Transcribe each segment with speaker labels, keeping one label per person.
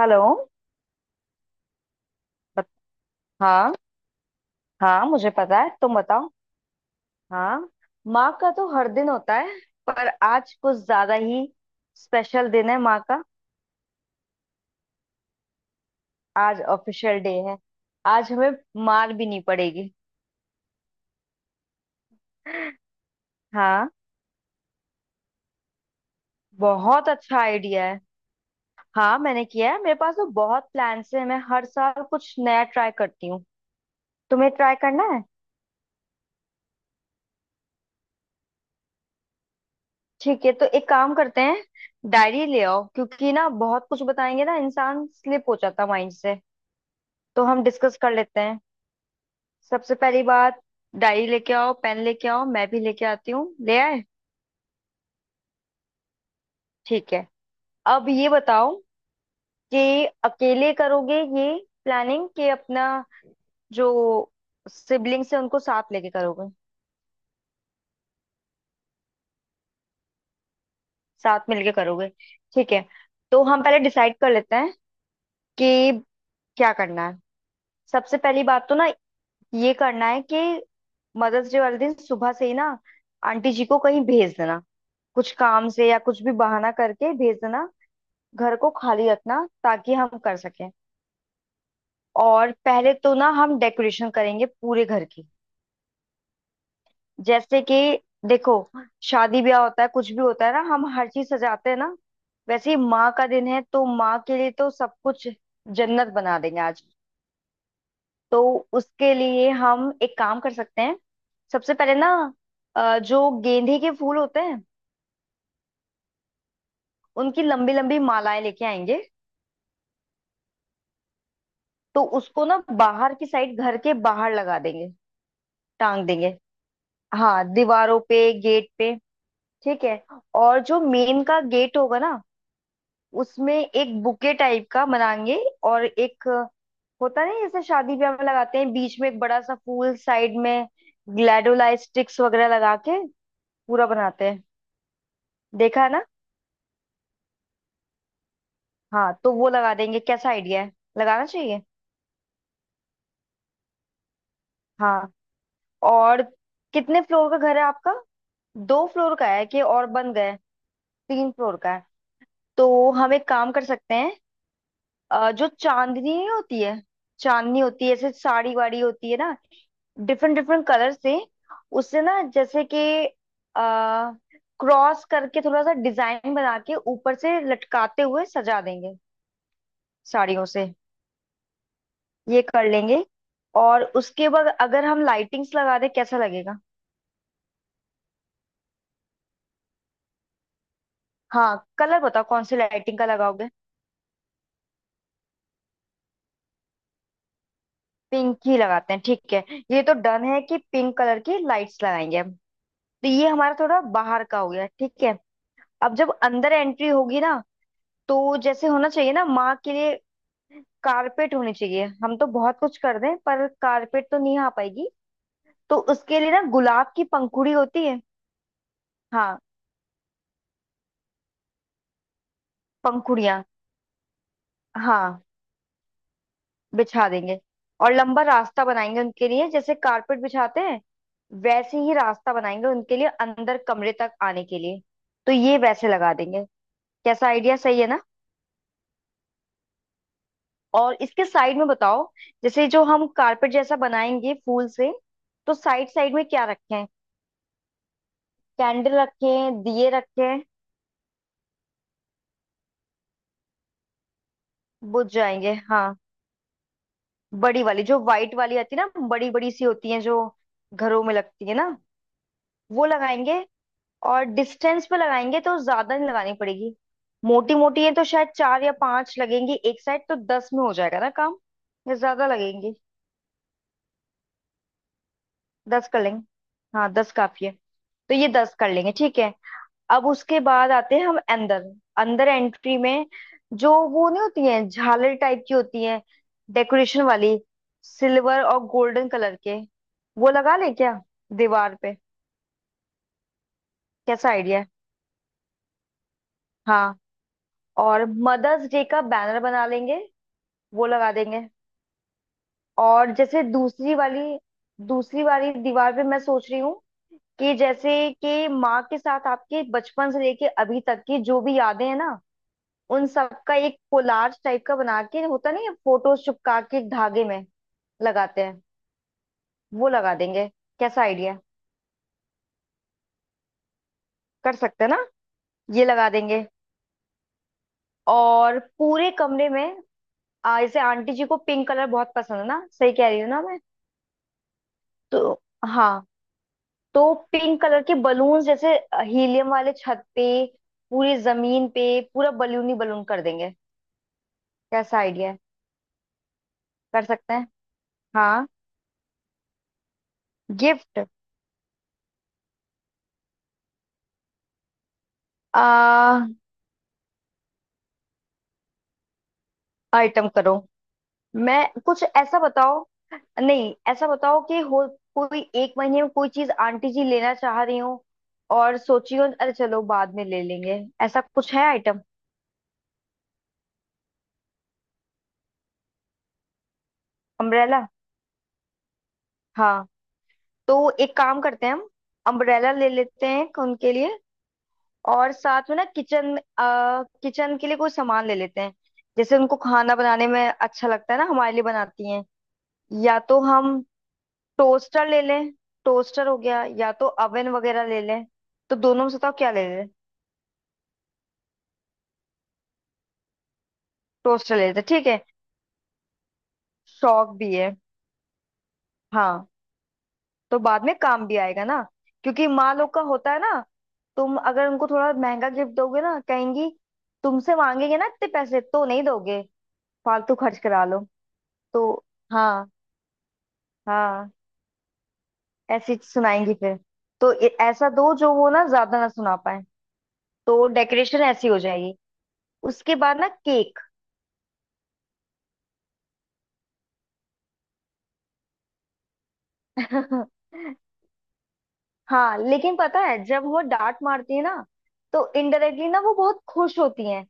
Speaker 1: Hello. बत- हाँ। हाँ, मुझे पता है, तुम बताओ। हाँ, माँ का तो हर दिन होता है, पर आज कुछ ज्यादा ही स्पेशल दिन है माँ का। आज ऑफिशियल डे है, आज हमें मार भी नहीं पड़ेगी। हाँ, बहुत अच्छा आइडिया है। हाँ, मैंने किया है, मेरे पास तो बहुत प्लान्स हैं। मैं हर साल कुछ नया ट्राई करती हूँ। तुम्हें ट्राई करना है। ठीक है, तो एक काम करते हैं। डायरी ले आओ, क्योंकि ना बहुत कुछ बताएंगे ना, इंसान स्लिप हो जाता माइंड से। तो हम डिस्कस कर लेते हैं। सबसे पहली बात, डायरी लेके आओ, पेन लेके आओ, मैं भी लेके आती हूँ। ले आए? ठीक है, अब ये बताओ कि अकेले करोगे ये प्लानिंग कि अपना जो सिबलिंग्स है उनको साथ लेके करोगे। साथ मिलके करोगे, ठीक है। तो हम पहले डिसाइड कर लेते हैं कि क्या करना है। सबसे पहली बात तो ना, ये करना है कि मदर्स डे वाले दिन सुबह से ही ना आंटी जी को कहीं भेज देना, कुछ काम से या कुछ भी बहाना करके भेज देना। घर को खाली रखना ताकि हम कर सकें। और पहले तो ना हम डेकोरेशन करेंगे पूरे घर की। जैसे कि देखो, शादी ब्याह होता है, कुछ भी होता है ना, हम हर चीज सजाते हैं ना, वैसे ही माँ का दिन है, तो माँ के लिए तो सब कुछ जन्नत बना देंगे आज। तो उसके लिए हम एक काम कर सकते हैं। सबसे पहले ना जो गेंदे के फूल होते हैं, उनकी लंबी लंबी मालाएं लेके आएंगे। तो उसको ना बाहर की साइड, घर के बाहर लगा देंगे, टांग देंगे। हाँ, दीवारों पे, गेट पे। ठीक है। और जो मेन का गेट होगा ना, उसमें एक बुके टाइप का बनाएंगे। और एक होता नहीं, जैसे शादी ब्याह में लगाते हैं, बीच में एक बड़ा सा फूल, साइड में ग्लैडोलाइट स्टिक्स वगैरह लगा के पूरा बनाते हैं। देखा है ना? हाँ, तो वो लगा देंगे। कैसा आइडिया है, लगाना चाहिए। हाँ। और कितने फ्लोर का घर है आपका? दो फ्लोर का है कि और बन गए? तीन फ्लोर का है। तो हम एक काम कर सकते हैं। जो चांदनी नहीं होती है, चांदनी होती है ऐसे, साड़ी वाड़ी होती है ना, डिफरेंट डिफरेंट कलर से। उससे ना, जैसे कि आ, क्रॉस करके थोड़ा सा डिजाइन बना के ऊपर से लटकाते हुए सजा देंगे, साड़ियों से। ये कर लेंगे। और उसके बाद अगर हम लाइटिंग्स लगा दें कैसा लगेगा? हाँ, कलर बताओ, कौन सी लाइटिंग का लगाओगे। पिंक ही लगाते हैं, ठीक है। ये तो डन है कि पिंक कलर की लाइट्स लगाएंगे हम। तो ये हमारा थोड़ा बाहर का हो गया, ठीक है। अब जब अंदर एंट्री होगी ना, तो जैसे होना चाहिए ना माँ के लिए, कारपेट होनी चाहिए। हम तो बहुत कुछ कर दें, पर कारपेट तो नहीं आ पाएगी। तो उसके लिए ना, गुलाब की पंखुड़ी होती है। हाँ, पंखुड़ियाँ। हाँ, बिछा देंगे। और लंबा रास्ता बनाएंगे उनके लिए, जैसे कारपेट बिछाते हैं वैसे ही रास्ता बनाएंगे उनके लिए, अंदर कमरे तक आने के लिए। तो ये वैसे लगा देंगे। कैसा आइडिया, सही है ना? और इसके साइड में बताओ, जैसे जो हम कारपेट जैसा बनाएंगे फूल से, तो साइड साइड में क्या रखें? कैंडल रखें, दिए रखें? बुझ जाएंगे, हाँ। बड़ी वाली जो व्हाइट वाली आती है ना, बड़ी बड़ी सी होती है जो घरों में लगती है ना, वो लगाएंगे। और डिस्टेंस पे लगाएंगे तो ज्यादा नहीं लगानी पड़ेगी। मोटी मोटी है तो शायद 4 या 5 लगेंगी एक साइड, तो 10 में हो जाएगा ना काम, या ज्यादा लगेंगे? 10 कर लेंगे। हाँ, 10 काफी है। तो ये 10 कर लेंगे, ठीक है। अब उसके बाद आते हैं हम अंदर। अंदर एंट्री में, जो वो नहीं होती है, झालर टाइप की होती है, डेकोरेशन वाली, सिल्वर और गोल्डन कलर के, वो लगा ले क्या दीवार पे? कैसा आइडिया है? हाँ। और मदर्स डे का बैनर बना लेंगे, वो लगा देंगे। और जैसे दूसरी वाली दीवार पे मैं सोच रही हूँ कि जैसे कि माँ के साथ आपके बचपन से लेके अभी तक की जो भी यादें हैं ना, उन सबका एक कोलाज टाइप का बना के, होता नहीं है फोटोज चिपका के एक धागे में लगाते हैं, वो लगा देंगे। कैसा आइडिया? कर सकते हैं ना, ये लगा देंगे। और पूरे कमरे में जैसे आंटी जी को पिंक कलर बहुत पसंद है ना, सही कह रही हूँ ना मैं? तो हाँ, तो पिंक कलर के बलून, जैसे हीलियम वाले, छत पे, पूरी जमीन पे, पूरा बलून ही बलून कर देंगे। कैसा आइडिया है? कर सकते हैं, हाँ। गिफ्ट? आ आइटम करो। मैं, कुछ ऐसा बताओ, नहीं ऐसा बताओ कि हो कोई एक महीने में कोई चीज आंटी जी लेना चाह रही हूँ और सोची हो अरे चलो बाद में ले लेंगे, ऐसा कुछ है आइटम? अम्ब्रेला? हाँ, तो एक काम करते हैं हम, अम्ब्रेला ले लेते हैं उनके लिए। और साथ में ना किचन में, किचन के लिए कोई सामान ले लेते हैं। जैसे उनको खाना बनाने में अच्छा लगता है ना, हमारे लिए बनाती हैं, या तो हम टोस्टर ले लें, टोस्टर हो गया, या तो अवन वगैरह ले लें। तो दोनों में से बताओ क्या ले लें? टोस्टर ले लेते हैं, ठीक है। शौक भी है, हाँ। तो बाद में काम भी आएगा ना, क्योंकि माँ लोग का होता है ना, तुम अगर उनको थोड़ा महंगा गिफ्ट दोगे ना, कहेंगी तुमसे, मांगेंगे ना इतने पैसे तो नहीं दोगे, फालतू खर्च करा लो। तो हाँ, हाँ, ऐसी सुनाएंगी फिर। तो ऐसा दो जो वो ना ज्यादा ना सुना पाए। तो डेकोरेशन ऐसी हो जाएगी। उसके बाद ना केक। हाँ, लेकिन पता है जब वो डांट मारती है ना, तो इनडायरेक्टली ना वो बहुत खुश होती हैं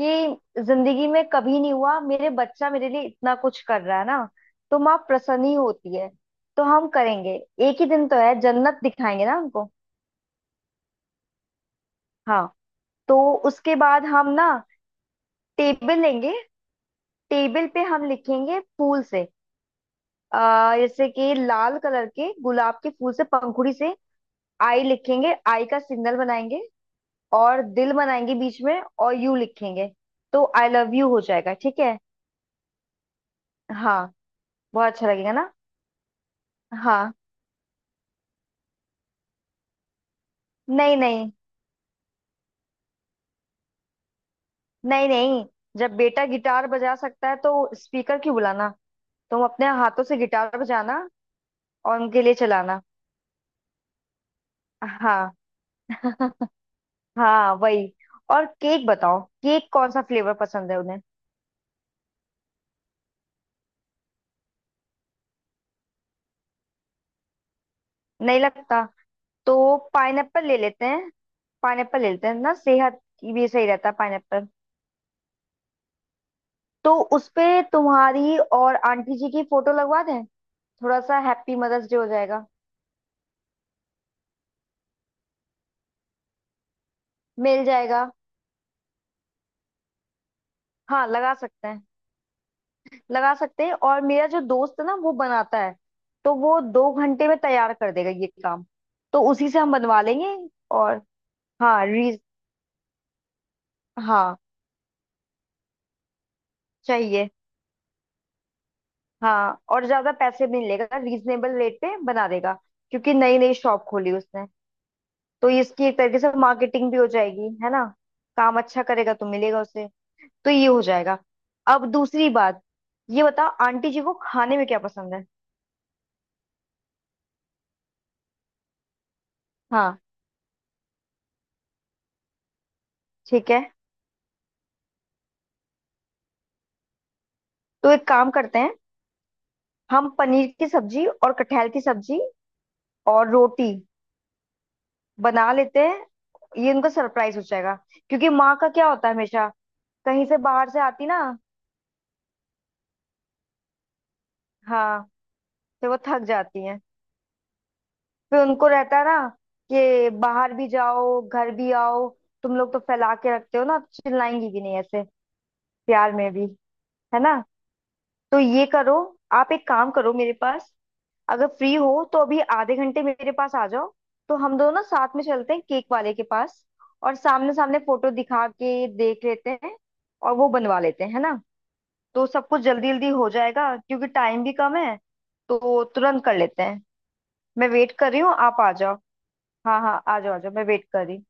Speaker 1: कि जिंदगी में कभी नहीं हुआ, मेरे बच्चा मेरे लिए इतना कुछ कर रहा है ना, तो माँ प्रसन्न ही होती है। तो हम करेंगे, एक ही दिन तो है, जन्नत दिखाएंगे ना हमको। हाँ। तो उसके बाद हम ना टेबल लेंगे, टेबल पे हम लिखेंगे फूल से। जैसे कि लाल कलर के गुलाब के फूल से, पंखुड़ी से आई लिखेंगे, आई का सिग्नल बनाएंगे, और दिल बनाएंगे बीच में, और यू लिखेंगे। तो आई लव यू हो जाएगा, ठीक है। हाँ, बहुत अच्छा लगेगा ना। हाँ। नहीं नहीं, नहीं नहीं, जब बेटा गिटार बजा सकता है तो स्पीकर क्यों बुलाना, तुम अपने हाथों से गिटार बजाना और उनके लिए चलाना। हाँ। हाँ, वही। और केक बताओ, केक कौन सा फ्लेवर पसंद है उन्हें? नहीं लगता? तो पाइनएप्पल ले लेते हैं। पाइनएप्पल ले लेते हैं ना, सेहत की भी सही रहता है पाइनएप्पल। तो उसपे तुम्हारी और आंटी जी की फोटो लगवा दें, थोड़ा सा हैप्पी मदर्स डे हो जाएगा। मिल जाएगा। हाँ, लगा सकते हैं, लगा सकते हैं। और मेरा जो दोस्त है ना, वो बनाता है, तो वो 2 घंटे में तैयार कर देगा ये काम। तो उसी से हम बनवा लेंगे। और हाँ, रीज, हाँ, चाहिए। हाँ, और ज्यादा पैसे भी नहीं लेगा, रीजनेबल रेट पे बना देगा, क्योंकि नई नई शॉप खोली उसने। तो इसकी एक तरीके से मार्केटिंग भी हो जाएगी, है ना। काम अच्छा करेगा तो मिलेगा उसे। तो ये हो जाएगा। अब दूसरी बात, ये बताओ आंटी जी को खाने में क्या पसंद है? हाँ। ठीक है। तो एक काम करते हैं, हम पनीर की सब्जी और कटहल की सब्जी और रोटी बना लेते हैं। ये उनका सरप्राइज हो जाएगा। क्योंकि माँ का क्या होता है, हमेशा कहीं से बाहर से आती ना, हाँ, फिर वो थक जाती हैं, फिर उनको रहता है ना कि बाहर भी जाओ घर भी आओ, तुम लोग तो फैला के रखते हो ना, चिल्लाएंगी भी नहीं ऐसे, प्यार में भी, है ना। तो ये करो, आप एक काम करो, मेरे पास अगर फ्री हो तो अभी आधे घंटे मेरे पास आ जाओ। तो हम दोनों ना साथ में चलते हैं केक वाले के पास, और सामने सामने फोटो दिखा के देख लेते हैं, और वो बनवा लेते हैं, है ना। तो सब कुछ जल्दी जल्दी हो जाएगा, क्योंकि टाइम भी कम है, तो तुरंत कर लेते हैं। मैं वेट कर रही हूँ, आप आ जाओ। हाँ हाँ, आ जाओ आ जाओ, मैं वेट कर रही हूँ।